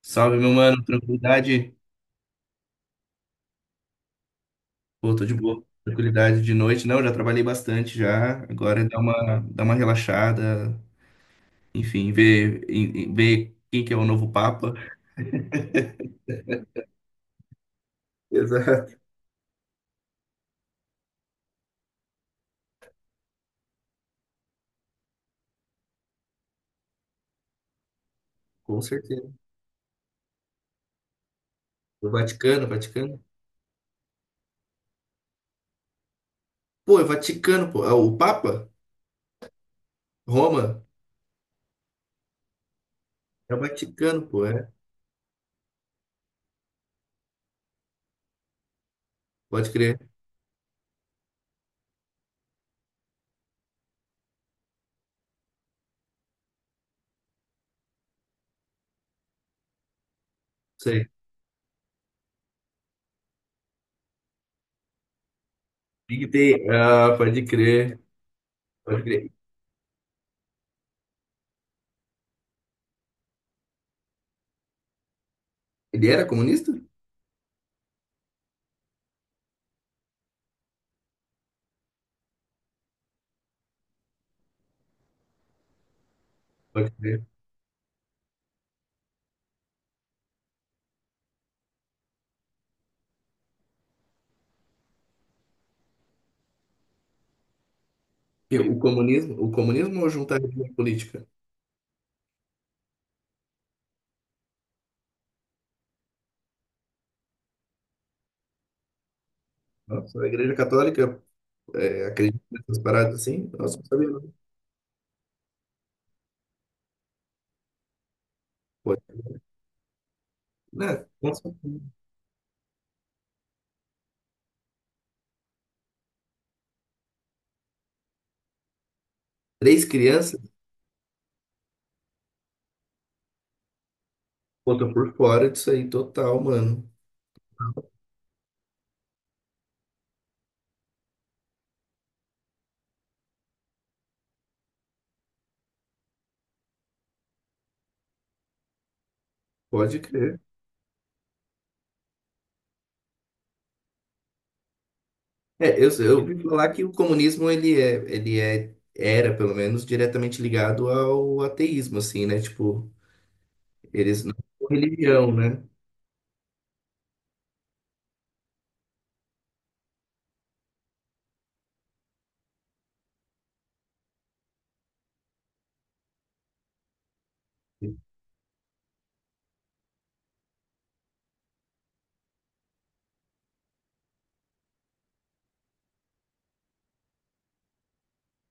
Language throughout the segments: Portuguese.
Salve, meu mano, tranquilidade? Pô, tô de boa. Tranquilidade de noite. Não, já trabalhei bastante já. Agora é dar uma relaxada. Enfim, ver, ver quem que é o novo Papa. Exato, com certeza. O Vaticano. Pô, é Vaticano, pô. É o Papa? Roma? É o Vaticano, pô, é. Pode crer. Sei. Big Day. Ah, pode crer. Pode crer. Ele era comunista? Pode crer. E o comunismo, o comunismo ou juntar religião e política? Nossa, a Igreja Católica é, acredito nessas paradas assim? Nossa, não sabia não. Pô, né? Com certeza. Três crianças? Pô, tô por fora disso aí total, mano. Pode crer. É, eu ouvi falar que o comunismo, ele era, pelo menos, diretamente ligado ao ateísmo, assim, né? Tipo, eles não são religião, né?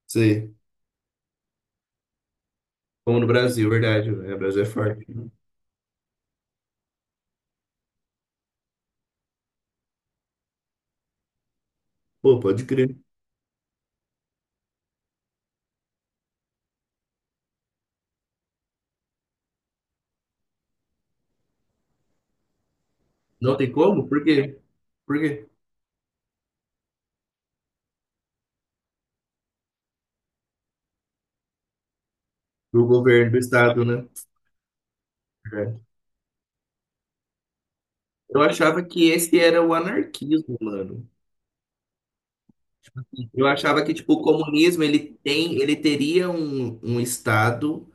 Sim. Como no Brasil, verdade, né? O Brasil é forte, né? Pô, pode crer. Não tem como? Por quê? Por quê? Do governo, do Estado, né? É. Eu achava que esse era o anarquismo, mano. Eu achava que tipo o comunismo ele tem, ele teria um, um estado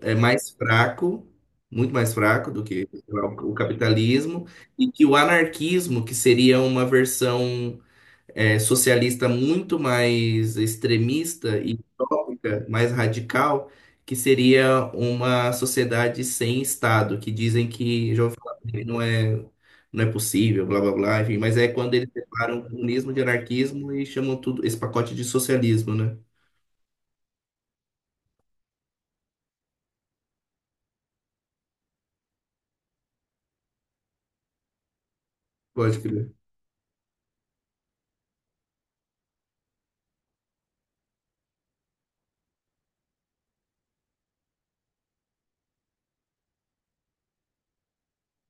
é, mais fraco, muito mais fraco do que sei lá, o capitalismo, e que o anarquismo, que seria uma versão é, socialista muito mais extremista e utópica, mais radical, que seria uma sociedade sem Estado, que dizem que, já ouvi falar, que não é, não é possível, blá blá blá, enfim, mas é quando eles separam comunismo de anarquismo e chamam tudo esse pacote de socialismo, né? Pode crer.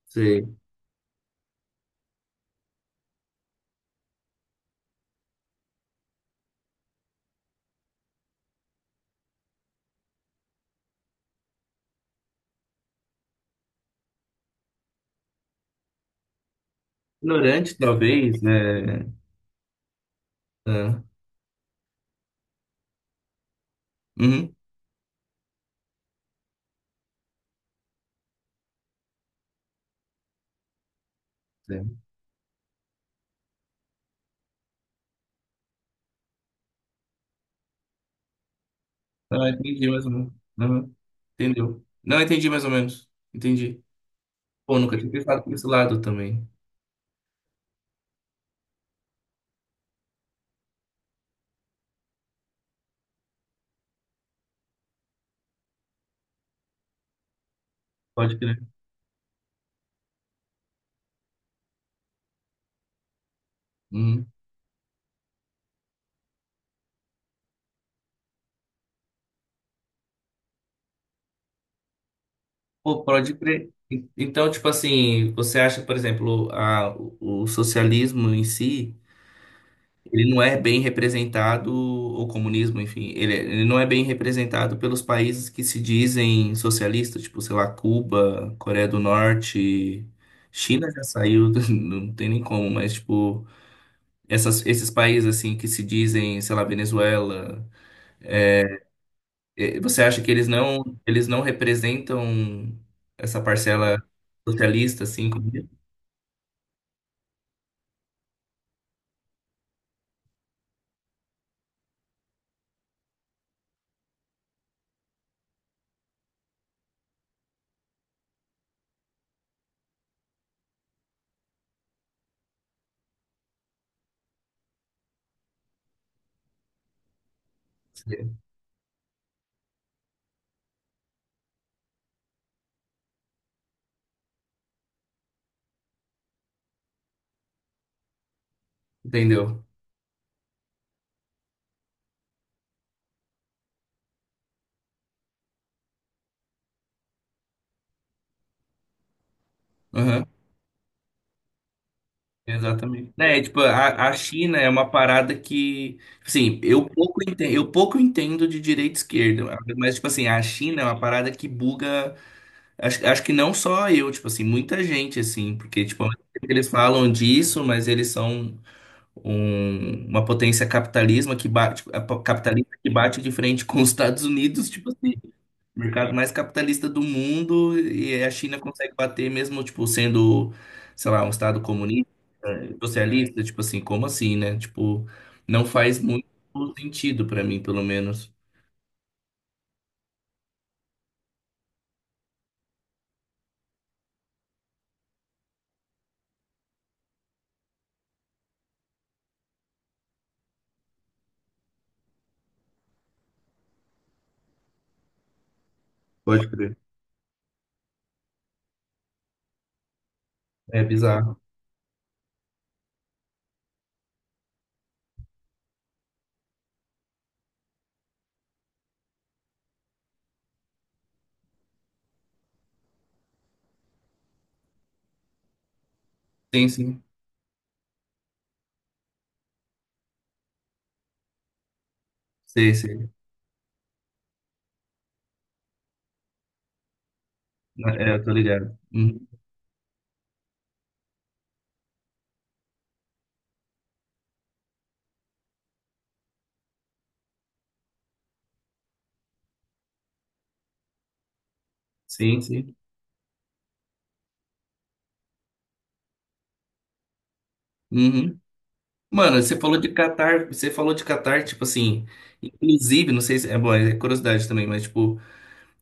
Sei. Ignorante, talvez, né? Ah, uhum. É. Ah, entendi mais ou menos. Uhum. Entendeu? Não, entendi mais ou menos. Entendi. Pô, nunca tinha pensado por esse lado também. Pode crer. Uhum. Pô, pode crer. E então, tipo assim, você acha, por exemplo, a, o socialismo em si, ele não é bem representado, o comunismo, enfim, ele não é bem representado pelos países que se dizem socialistas, tipo, sei lá, Cuba, Coreia do Norte, China já saiu, não tem nem como, mas, tipo, essas, esses países, assim, que se dizem, sei lá, Venezuela. Eh, você acha que eles não representam essa parcela socialista, assim, como você entendeu? Aham, exatamente. É, tipo, a China é uma parada que, assim, eu pouco entendo de direita e esquerda, mas, tipo assim, a China é uma parada que buga, acho, acho que não só eu, tipo assim, muita gente, assim, porque, tipo, eles falam disso, mas eles são uma potência capitalismo que bate, capitalista que bate de frente com os Estados Unidos, tipo assim, o mercado mais capitalista do mundo, e a China consegue bater mesmo, tipo, sendo, sei lá, um estado comunista, eh, socialista, tipo assim, como assim, né? Tipo, não faz muito sentido pra mim, pelo menos. Pode crer. É bizarro. Sim, sim. Sei, sei. É, eu tô ligado. Uhum. Sim, sim. Uhum. Mano, você falou de Catar, tipo assim, inclusive, não sei se, é bom, é curiosidade também, mas tipo,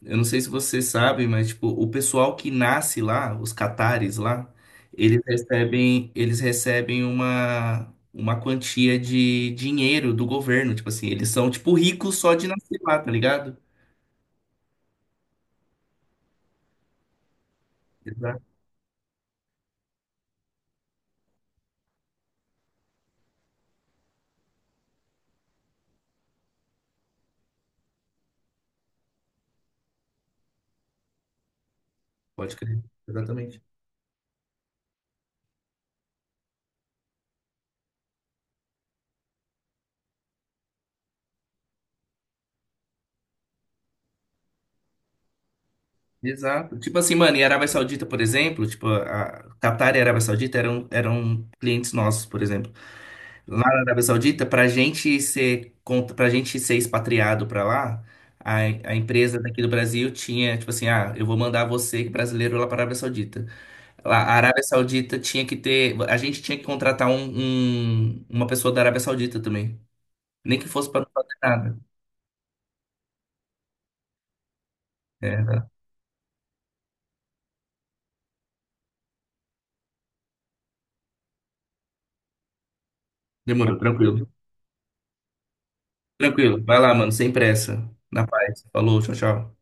eu não sei se você sabe, mas tipo, o pessoal que nasce lá, os catares lá, eles recebem uma quantia de dinheiro do governo, tipo assim, eles são tipo ricos só de nascer lá, tá ligado? Exato, pode crer. Exatamente. Exato. Tipo assim, mano, e Arábia Saudita, por exemplo, tipo, a Catar e a Arábia Saudita eram clientes nossos, por exemplo. Lá na Arábia Saudita, para gente ser expatriado para lá, a, a empresa daqui do Brasil tinha, tipo assim, ah, eu vou mandar você, brasileiro, lá para a Arábia Saudita. Lá, a Arábia Saudita tinha que ter, a gente tinha que contratar um, uma pessoa da Arábia Saudita também. Nem que fosse para não fazer nada. É, tá. Demorou, tranquilo. Tranquilo. Vai lá, mano, sem pressa. Na paz. Falou, tchau, tchau.